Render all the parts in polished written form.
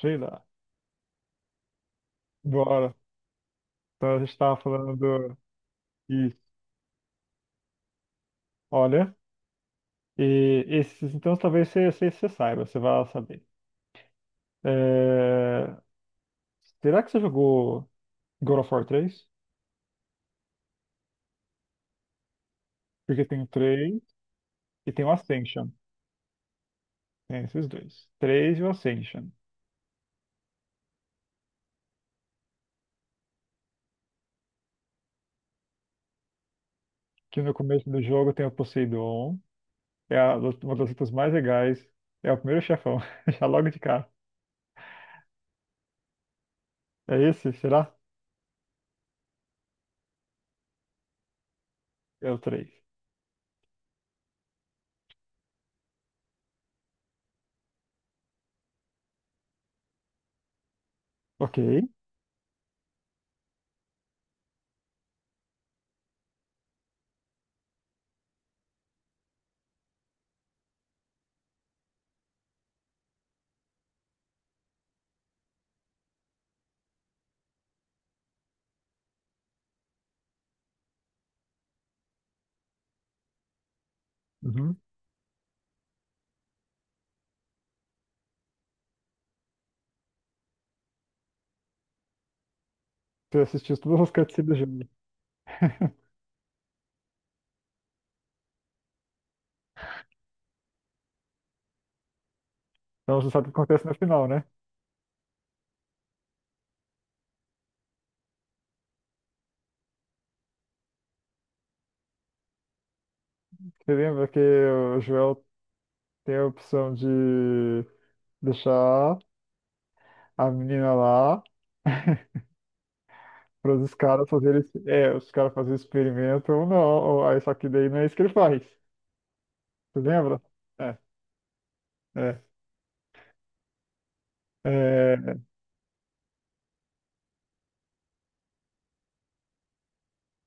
Sei lá. Bora. Então a gente estava falando do. Isso. Olha. E esses, então talvez você saiba, você vai saber. É, Será que você jogou God of War 3? Porque tem o 3 e tem o Ascension. Tem esses dois. 3 e o Ascension. Que no começo do jogo tem o Poseidon. Uma das lutas mais legais. É o primeiro chefão. Já logo de cara. É esse? Será? É o três. Ok. Uhum. Você assistiu todas as cutscenes do jogo. Então você sabe o que acontece no final, né? Você lembra que o Joel tem a opção de deixar a menina lá para os caras fazerem, os caras fazerem experimento ou não. Ou, aí, só que daí não é isso que ele faz. Você lembra? É, é, é,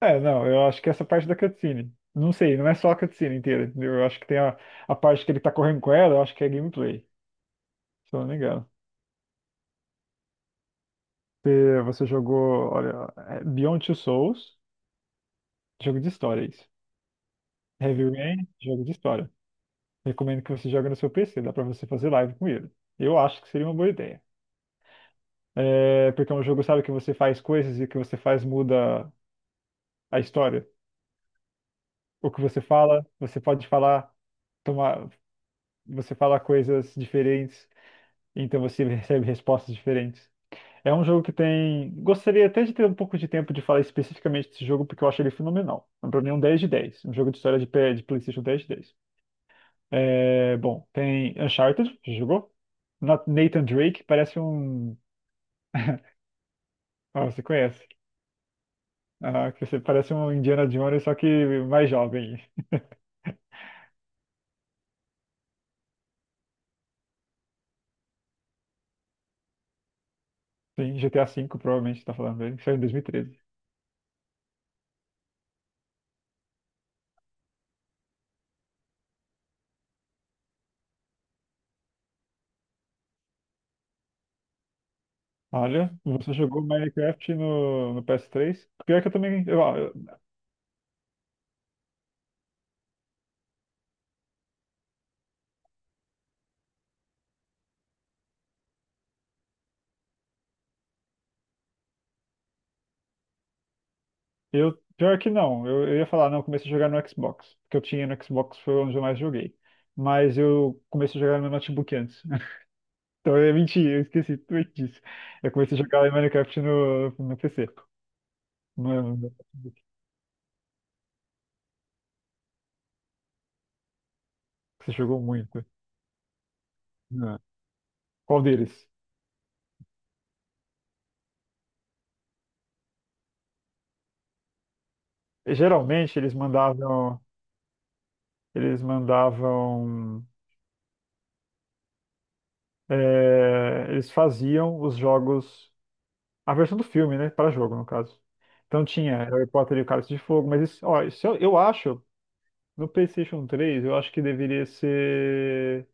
não, eu acho que essa parte da cutscene. Não sei, não é só a cutscene inteira, entendeu? Eu acho que tem a parte que ele tá correndo com ela, eu acho que é gameplay, se eu não me engano. Você jogou, olha, é Beyond Two Souls, jogo de história, é isso. Heavy Rain, jogo de história. Recomendo que você jogue no seu PC, dá pra você fazer live com ele. Eu acho que seria uma boa ideia. É, porque é um jogo, sabe, que você faz coisas e o que você faz muda a história. O que você fala, você pode falar, tomar, você fala coisas diferentes, então você recebe respostas diferentes. É um jogo que tem. Gostaria até de ter um pouco de tempo de falar especificamente desse jogo, porque eu acho ele fenomenal. Pra mim é um 10 de 10. Um jogo de história de PlayStation 10 de 10. É, bom, tem Uncharted, já jogou? Nathan Drake, parece um. Ah, você conhece? Ah, que você parece um Indiana Jones, só que mais jovem. Sim, GTA V, provavelmente, tá falando dele, que saiu em 2013. Olha, você jogou Minecraft no PS3? Pior que eu também. Pior que não, eu ia falar, não, eu comecei a jogar no Xbox, porque eu tinha no Xbox, foi onde eu mais joguei. Mas eu comecei a jogar no notebook antes. Então é mentira, eu esqueci tudo disso. Eu comecei a jogar Minecraft no PC. No, no- você jogou muito. Não. Qual deles? Geralmente eles mandavam, eles faziam os jogos, a versão do filme, né, para jogo no caso. Então tinha Harry Potter e o Cálice de Fogo, mas isso, ó, isso eu acho no PlayStation 3, eu acho que deveria ser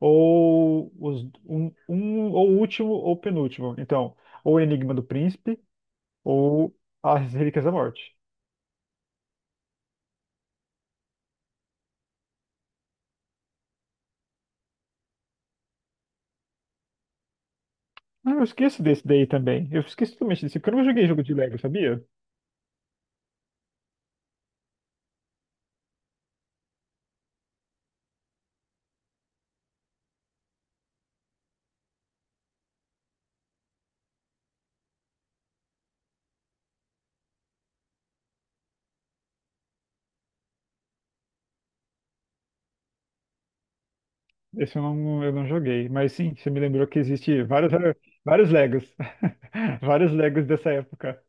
ou um ou o último ou penúltimo. Então, ou o Enigma do Príncipe ou As Relíquias da Morte. Ah, eu esqueço desse daí também. Eu esqueço totalmente desse, porque eu não joguei jogo de Lego, sabia? Esse eu não joguei. Mas sim, você me lembrou que existe vários Legos. Vários Legos dessa época.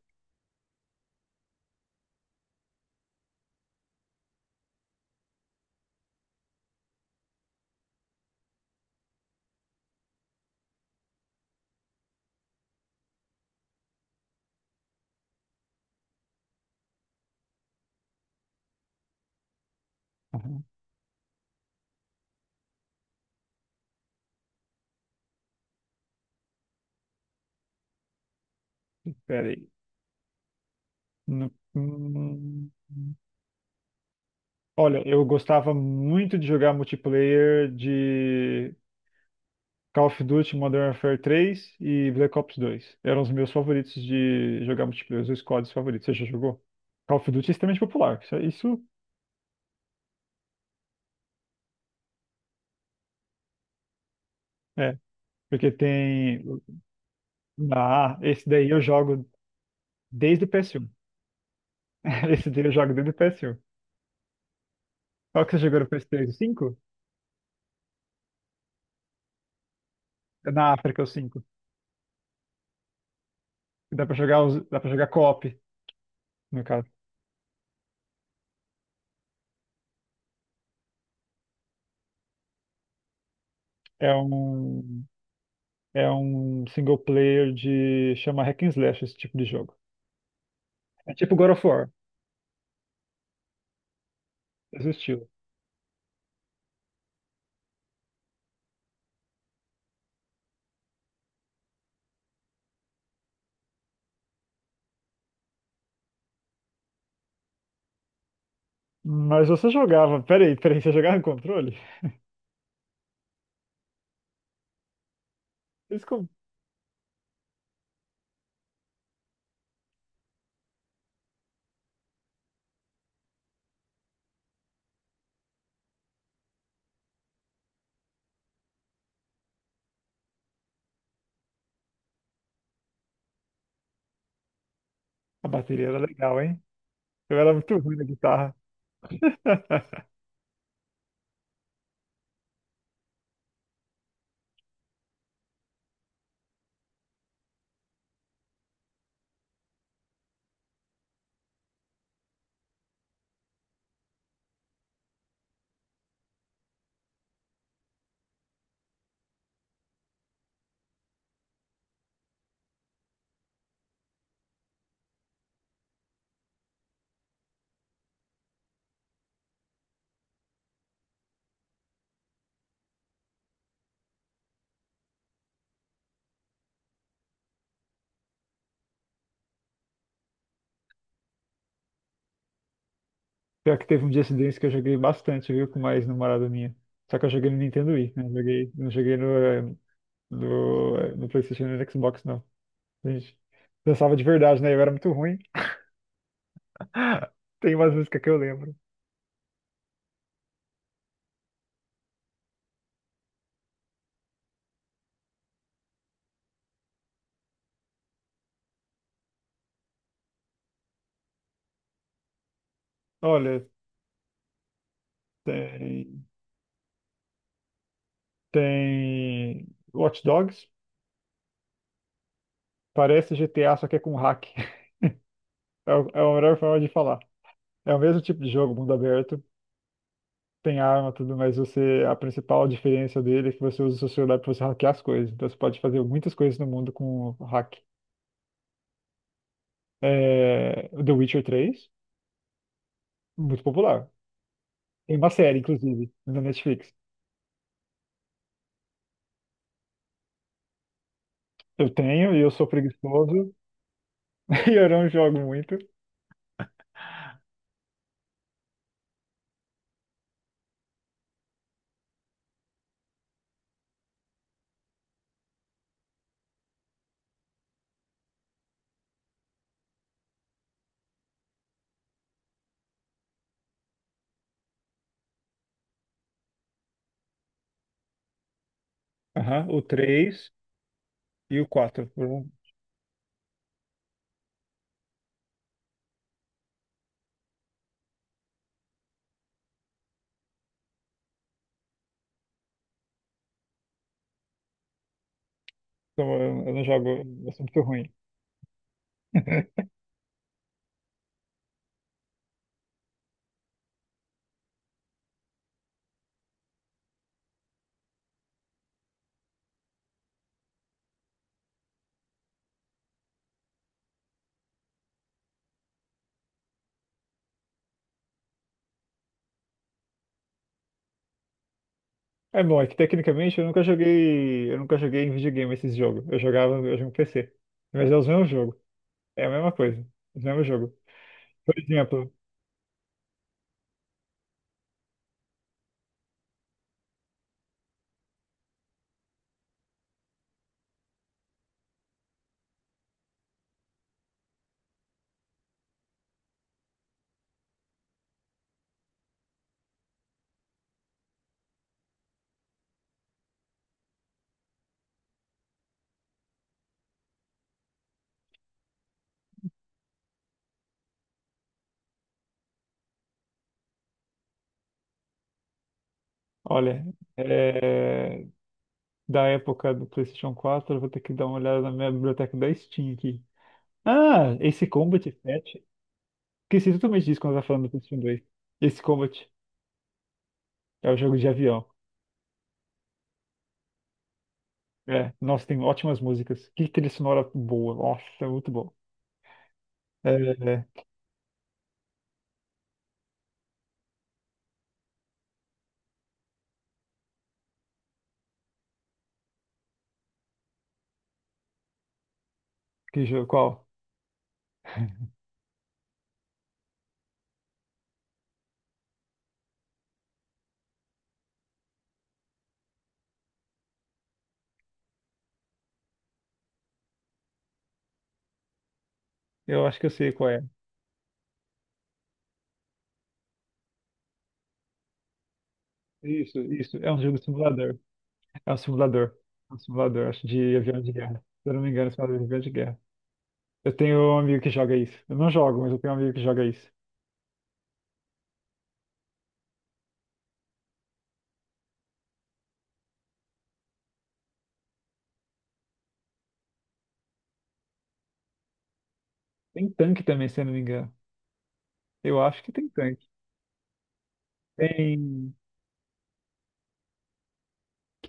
Uhum. Pera aí. Hum, hum. Olha, eu gostava muito de jogar multiplayer de Call of Duty Modern Warfare 3 e Black Ops 2. Eram os meus favoritos de jogar multiplayer, os meus squads favoritos. Você já jogou? Call of Duty é extremamente popular. Isso é, porque tem. Ah, esse daí eu jogo desde o PS1. Esse daí eu jogo desde o PS1. Qual que você jogou no PS3? O 5? Na África, o 5. Dá pra jogar co-op, no caso. É um, é um single player de. Chama Hack and Slash esse tipo de jogo. É tipo God of War, esse estilo. Mas você jogava. Peraí, peraí, você jogava em controle? Isso com a bateria era legal, hein? Eu era muito ruim na guitarra. Pior que teve um dia esse desse que eu joguei bastante, viu, com mais ex-namorada minha. Só que eu joguei no Nintendo Wii, né? Joguei, não joguei no, no PlayStation e no Xbox, não. A gente dançava de verdade, né? Eu era muito ruim. Tem umas músicas que eu lembro. Olha, tem, tem Watch Dogs. Parece GTA, só que é com hack. É a melhor forma de falar. É o mesmo tipo de jogo, mundo aberto, tem arma, tudo, mas você, a principal diferença dele é que você usa o seu celular para você hackear as coisas. Então você pode fazer muitas coisas no mundo com o hack. É, o The Witcher 3, muito popular. Tem uma série, inclusive, na Netflix. Eu tenho e eu sou preguiçoso e eu não jogo muito. Aham, o 3 e o 4. Eu não jogo, eu sou muito ruim. É bom, é que tecnicamente eu nunca joguei em videogame esses jogos. Eu jogava, eu jogo em PC. Mas é os mesmos jogos. É a mesma coisa, é o mesmo jogo. Por exemplo, olha, é, da época do PlayStation 4, eu vou ter que dar uma olhada na minha biblioteca da Steam aqui. Ah, esse Combat 7. Esqueci totalmente disso quando eu tava falando do PlayStation 2. Esse Combat é o jogo de avião. É, nossa, tem ótimas músicas. Que trilha sonora boa. Nossa, é muito bom. É, é, que jogo, qual? Eu acho que eu sei qual é. Isso, isso. É um jogo de simulador. É um simulador. É um simulador, acho, de avião de guerra. Se eu não me engano, é um simulador de avião de guerra. Eu tenho um amigo que joga isso. Eu não jogo, mas eu tenho um amigo que joga isso. Tem tanque também, se eu não me engano. Eu acho que tem tanque. Tem.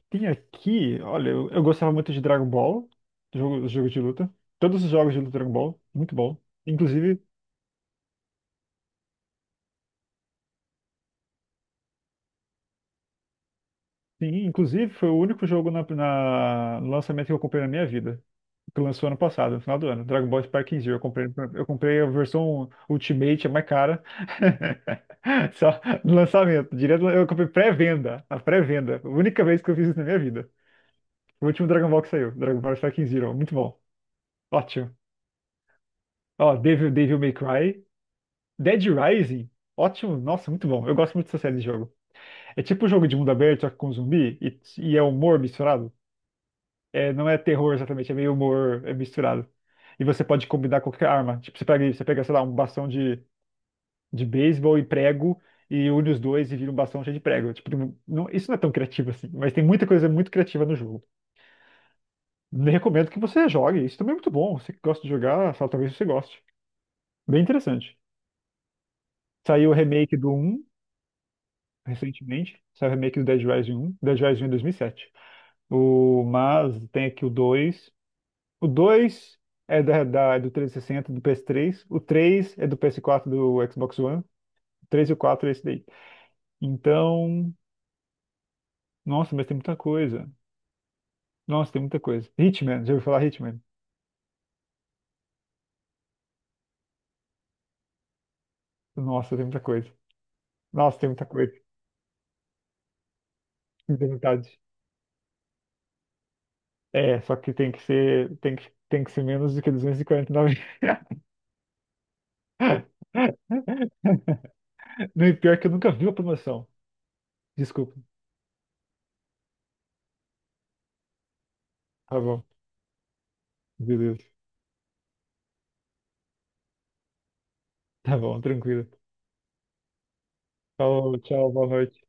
Tem aqui. Olha, eu gostava muito de Dragon Ball, jogo de luta. Todos os jogos de luta Dragon Ball, muito bom. Inclusive, sim, inclusive foi o único jogo no lançamento que eu comprei na minha vida, que lançou ano passado, no final do ano. Dragon Ball Sparking Zero. Eu comprei a versão Ultimate, é mais cara. Só no lançamento. Direto, eu comprei pré-venda. A pré-venda. A única vez que eu fiz isso na minha vida. O último Dragon Ball que saiu. Dragon Ball Sparking Zero. Muito bom. Ótimo. Ó, Devil May Cry. Dead Rising. Ótimo. Nossa, muito bom. Eu gosto muito dessa série de jogo. É tipo um jogo de mundo aberto, só que com zumbi. E é humor misturado. É, não é terror exatamente, é meio humor é misturado. E você pode combinar qualquer arma. Tipo, você pega, sei lá, um bastão de beisebol e prego e une os dois e vira um bastão cheio de prego. Tipo, isso não é tão criativo assim, mas tem muita coisa muito criativa no jogo. Nem recomendo que você jogue, isso também é muito bom. Você que gosta de jogar, só talvez você goste. Bem interessante. Saiu o remake do um recentemente, saiu o remake do Dead Rising 1, Dead Rising 1 é 2007. O, mas tem aqui O dois é é do 360 do PS3. O 3 é do PS4 do Xbox One. O 3 e o 4 é esse daí. Então, nossa, mas tem muita coisa. Nossa, tem muita coisa. Hitman, já ouviu falar Hitman? Nossa, tem muita coisa. Nossa, tem muita coisa. Tem muita vontade. É, só que tem que ser menos do que 249. Não, e pior que eu nunca vi a promoção. Desculpa. Tá bom. Meu Deus. Tá bom, tranquilo. Falou, tchau, boa noite.